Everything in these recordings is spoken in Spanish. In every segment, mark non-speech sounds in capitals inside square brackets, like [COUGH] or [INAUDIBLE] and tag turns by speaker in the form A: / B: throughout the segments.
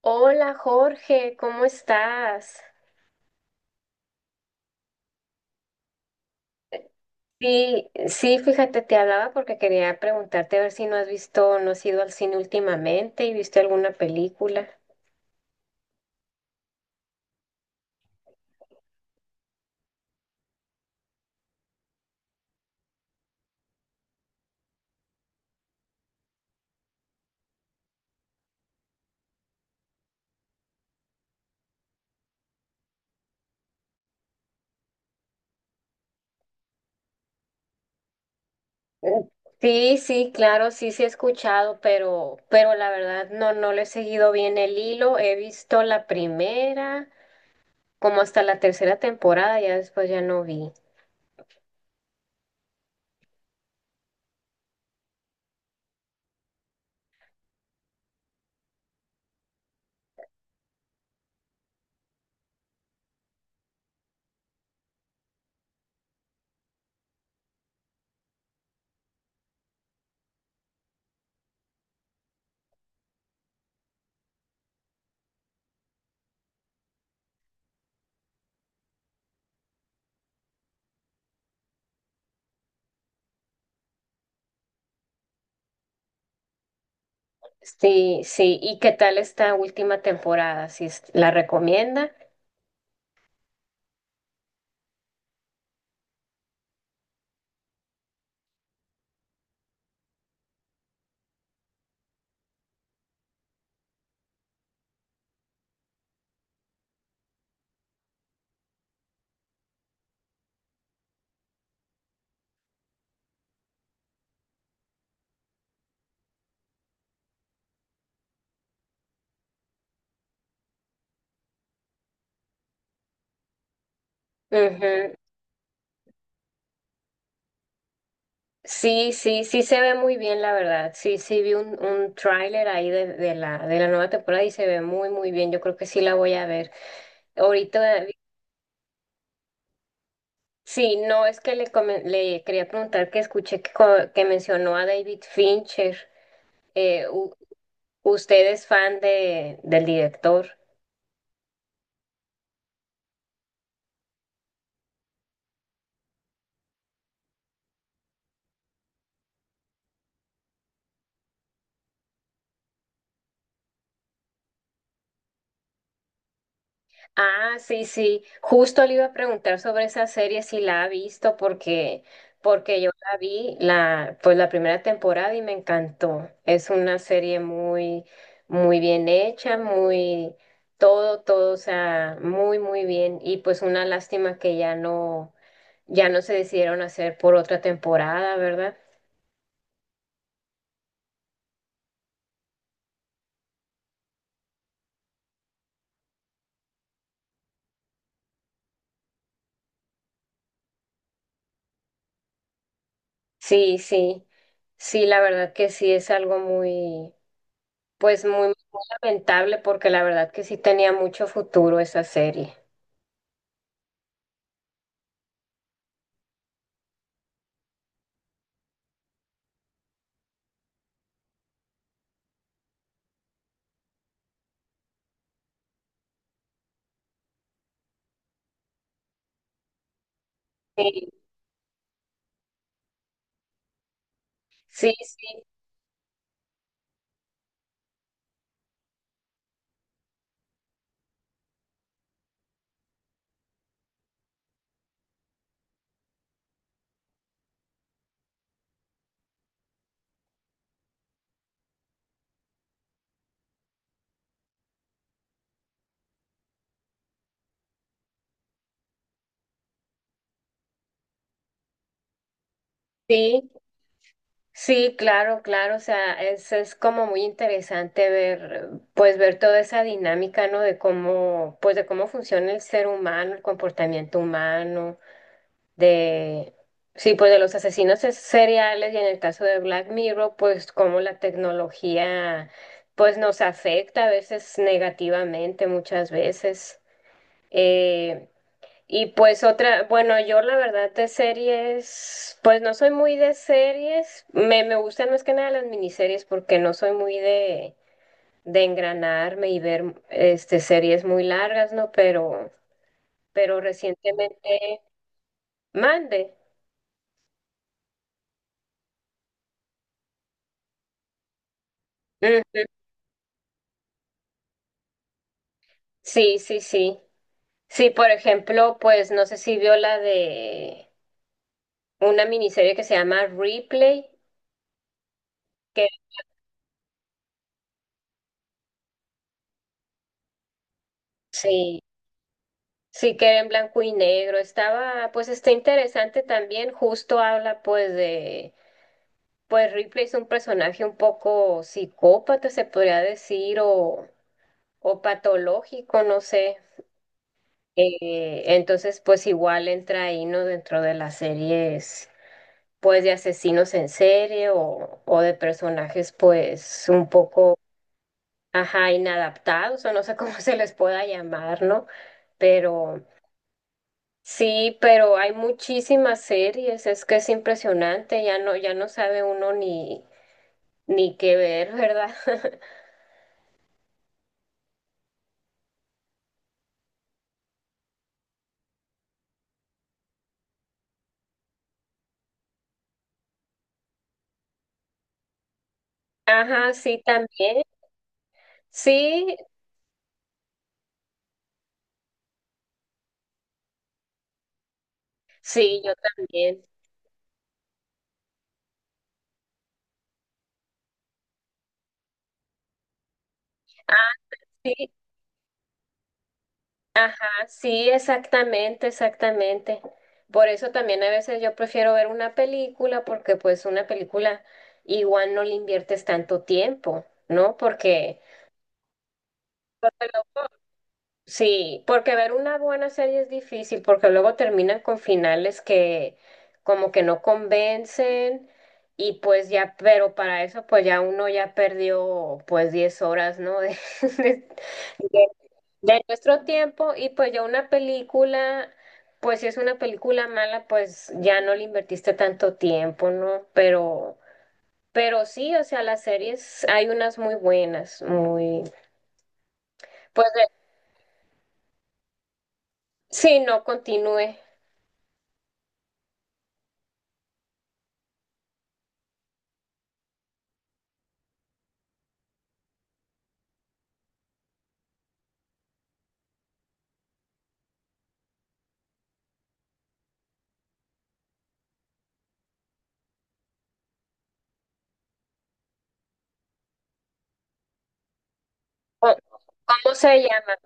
A: Hola Jorge, ¿cómo estás? Sí, sí, fíjate, te hablaba porque quería preguntarte a ver si no has visto, no has ido al cine últimamente y viste alguna película. Mm. Sí, sí, claro, sí, sí he escuchado, pero la verdad no, no le he seguido bien el hilo. He visto la primera como hasta la tercera temporada, ya después ya no vi. Sí, sí, ¿y qué tal esta última temporada? ¿Sí la recomienda? Ujú. Sí, sí, sí se ve muy bien, la verdad. Sí, sí vi un tráiler ahí de la nueva temporada y se ve muy, muy bien. Yo creo que sí la voy a ver. Ahorita, sí, no es que le, le quería preguntar que escuché que, que mencionó a David Fincher. Eh, u- ¿Usted es fan de, del director? Ah, sí, sí. Justo le iba a preguntar sobre esa serie si la ha visto porque porque yo la vi la pues la primera temporada y me encantó. Es una serie muy muy bien hecha, muy todo todo, o sea, muy muy bien y pues una lástima que ya no ya no se decidieron hacer por otra temporada, ¿verdad? Sí, sí. Sí, la verdad que sí es algo muy, pues muy, muy lamentable porque la verdad que sí tenía mucho futuro esa serie. Sí, sí, sí, sí, sí, claro, claro, o sea, es como muy interesante ver, pues ver toda esa dinámica, ¿no? De cómo, pues de cómo funciona el ser humano, el comportamiento humano, de, sí, pues de los asesinos seriales y en el caso de Black Mirror, pues cómo la tecnología, pues nos afecta a veces negativamente, muchas veces. Eh, Y pues otra, bueno, yo la verdad de series, pues no soy muy de series, me gustan más que nada las miniseries porque no soy muy de engranarme y ver este series muy largas, ¿no? Pero recientemente mande. Ujú. Sí, sí, sí. Sí, por ejemplo, pues no sé si vio la de una miniserie que se llama Replay, que sí. Sí, que era en blanco y negro. Estaba, pues está interesante también. Justo habla pues de, pues Ripley es un personaje un poco psicópata, se podría decir, o patológico, no sé. Entonces, pues igual entra ahí, ¿no? Dentro de las series, pues de asesinos en serie o de personajes, pues un poco, ajá, inadaptados, o no sé cómo [LAUGHS] se les pueda llamar, ¿no? Pero... Sí, pero hay muchísimas series, es que es impresionante, ya no, ya no sabe uno ni, ni qué ver, ¿verdad? [LAUGHS] Ajá, sí, también. Sí, sí, yo también. Ah, sí, ah, sí, exactamente, exactamente. Por eso también a veces yo prefiero ver una película porque pues una película igual no le inviertes tanto tiempo, ¿no? Porque sí, porque ver una buena serie es difícil, porque luego terminan con finales que como que no convencen y pues ya, pero para eso pues ya uno ya perdió pues 10 horas, ¿no? De, [LAUGHS] de- de- de nuestro tiempo y pues ya una película, pues si es una película mala, pues ya no le invertiste tanto tiempo, ¿no? Pero sí, o sea, las series hay unas muy buenas, muy, pues de- sí, no continúe. ¿Cómo cómo se llama?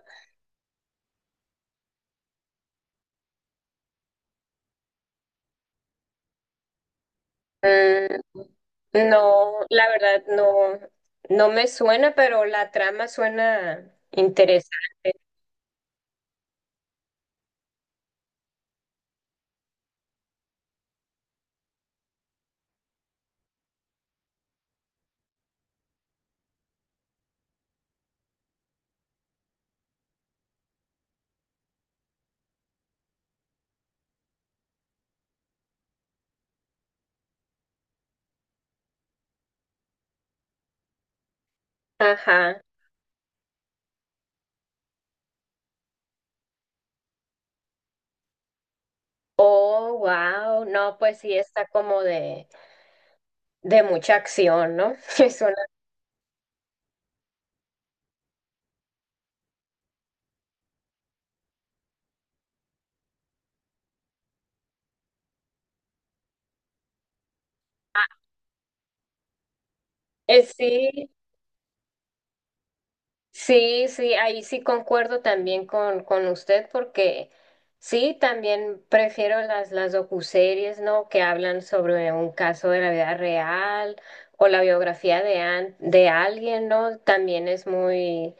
A: Mm, no, la verdad no, no me suena, pero la trama suena interesante. Ajá. Oh, wow. No, pues sí está como de mucha acción, ¿no? [LAUGHS] Que suena, sí, sí, sí, ahí sí concuerdo también con usted porque sí, también prefiero las docuseries, ¿no? Que hablan sobre un caso de la vida real o la biografía de, de alguien, ¿no? También es muy...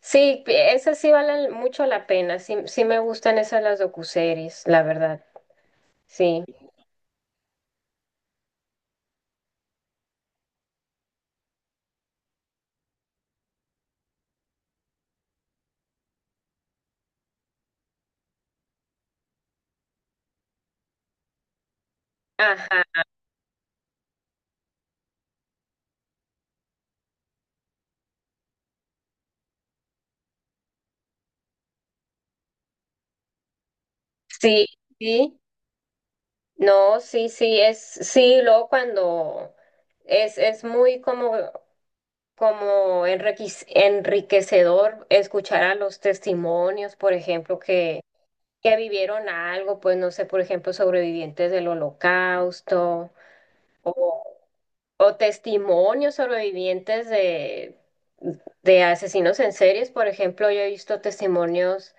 A: Sí, esas sí valen mucho la pena, sí, sí me gustan esas las docuseries, la verdad, sí. Ajá, sí, sí, no, sí, sí, es, sí, luego cuando... es muy como como enriquecedor escuchar a los testimonios, por ejemplo, que vivieron algo, pues no sé, por ejemplo, sobrevivientes del holocausto o, o testimonios sobrevivientes de asesinos en series, por ejemplo, yo he visto testimonios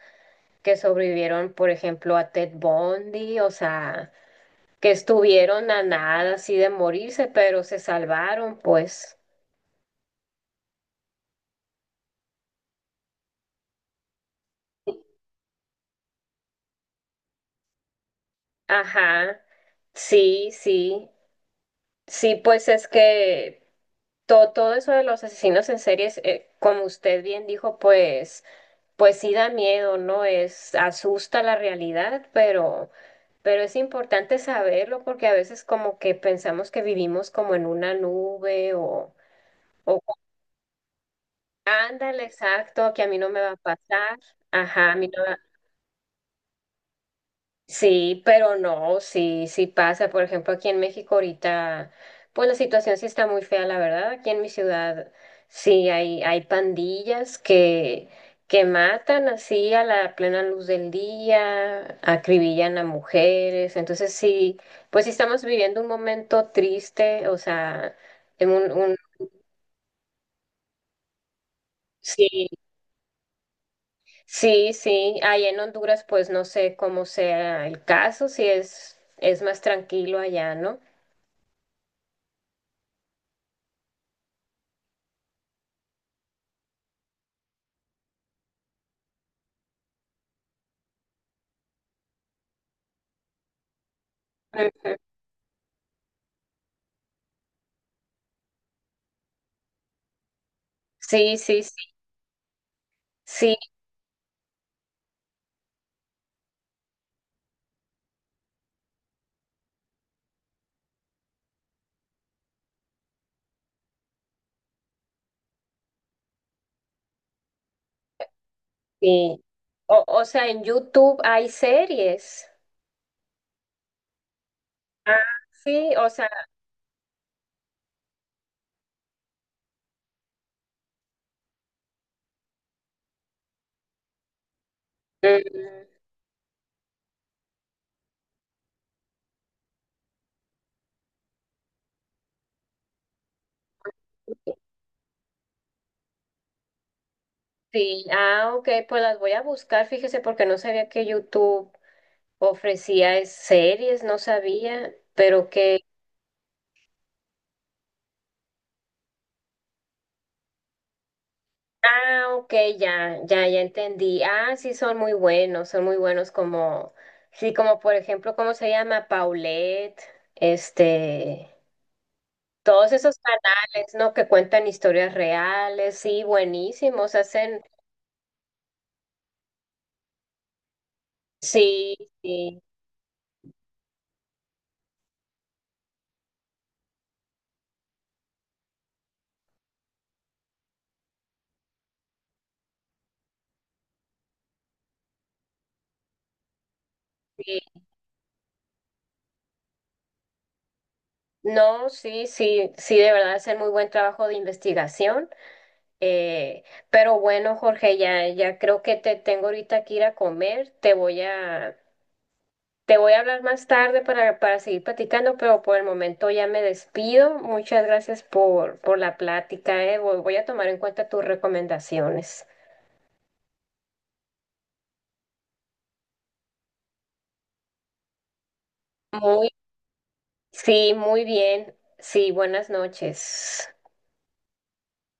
A: que sobrevivieron, por ejemplo, a Ted Bundy, o sea, que estuvieron a nada así de morirse, pero se salvaron, pues. Ajá. Sí, sí. Sí, pues es que todo, todo eso de los asesinos en series, como usted bien dijo, pues, pues sí da miedo, ¿no? Es, asusta la realidad, pero es importante saberlo porque a veces como que pensamos que vivimos como en una nube o ándale, exacto, que a mí no me va a pasar, ajá, a mí no, sí, pero no, sí, sí pasa. Por ejemplo, aquí en México ahorita, pues la situación sí está muy fea, la verdad. Aquí en mi ciudad sí hay pandillas que matan así a la plena luz del día, acribillan a mujeres. Entonces sí, pues sí estamos viviendo un momento triste, o sea, en un sí, sí, sí. Allá en Honduras, pues no sé cómo sea el caso, si es, es más tranquilo allá, ¿no? Sí, sí, sí, sí, sí. O sea, en YouTube hay series. Ah, sí, o sea, mm, sí, ah, ok, pues las voy a buscar, fíjese, porque no sabía que YouTube ofrecía series, no sabía, pero que, ah, ok, ya, ya, ya entendí. Ah, sí, son muy buenos como, sí, como por ejemplo, ¿cómo se llama? Paulette, este... Todos esos canales, ¿no? Que cuentan historias reales, sí, buenísimos, hacen, sí, sí, sí, no, sí, sí, sí, de verdad hacen muy buen trabajo de investigación. Eh, pero bueno, Jorge, ya, ya creo que te tengo ahorita que ir a comer, te voy a hablar más tarde para seguir platicando, pero por el momento ya me despido. Muchas gracias por la plática, eh. Voy a tomar en cuenta tus recomendaciones. Muy sí, muy bien. Sí, buenas noches.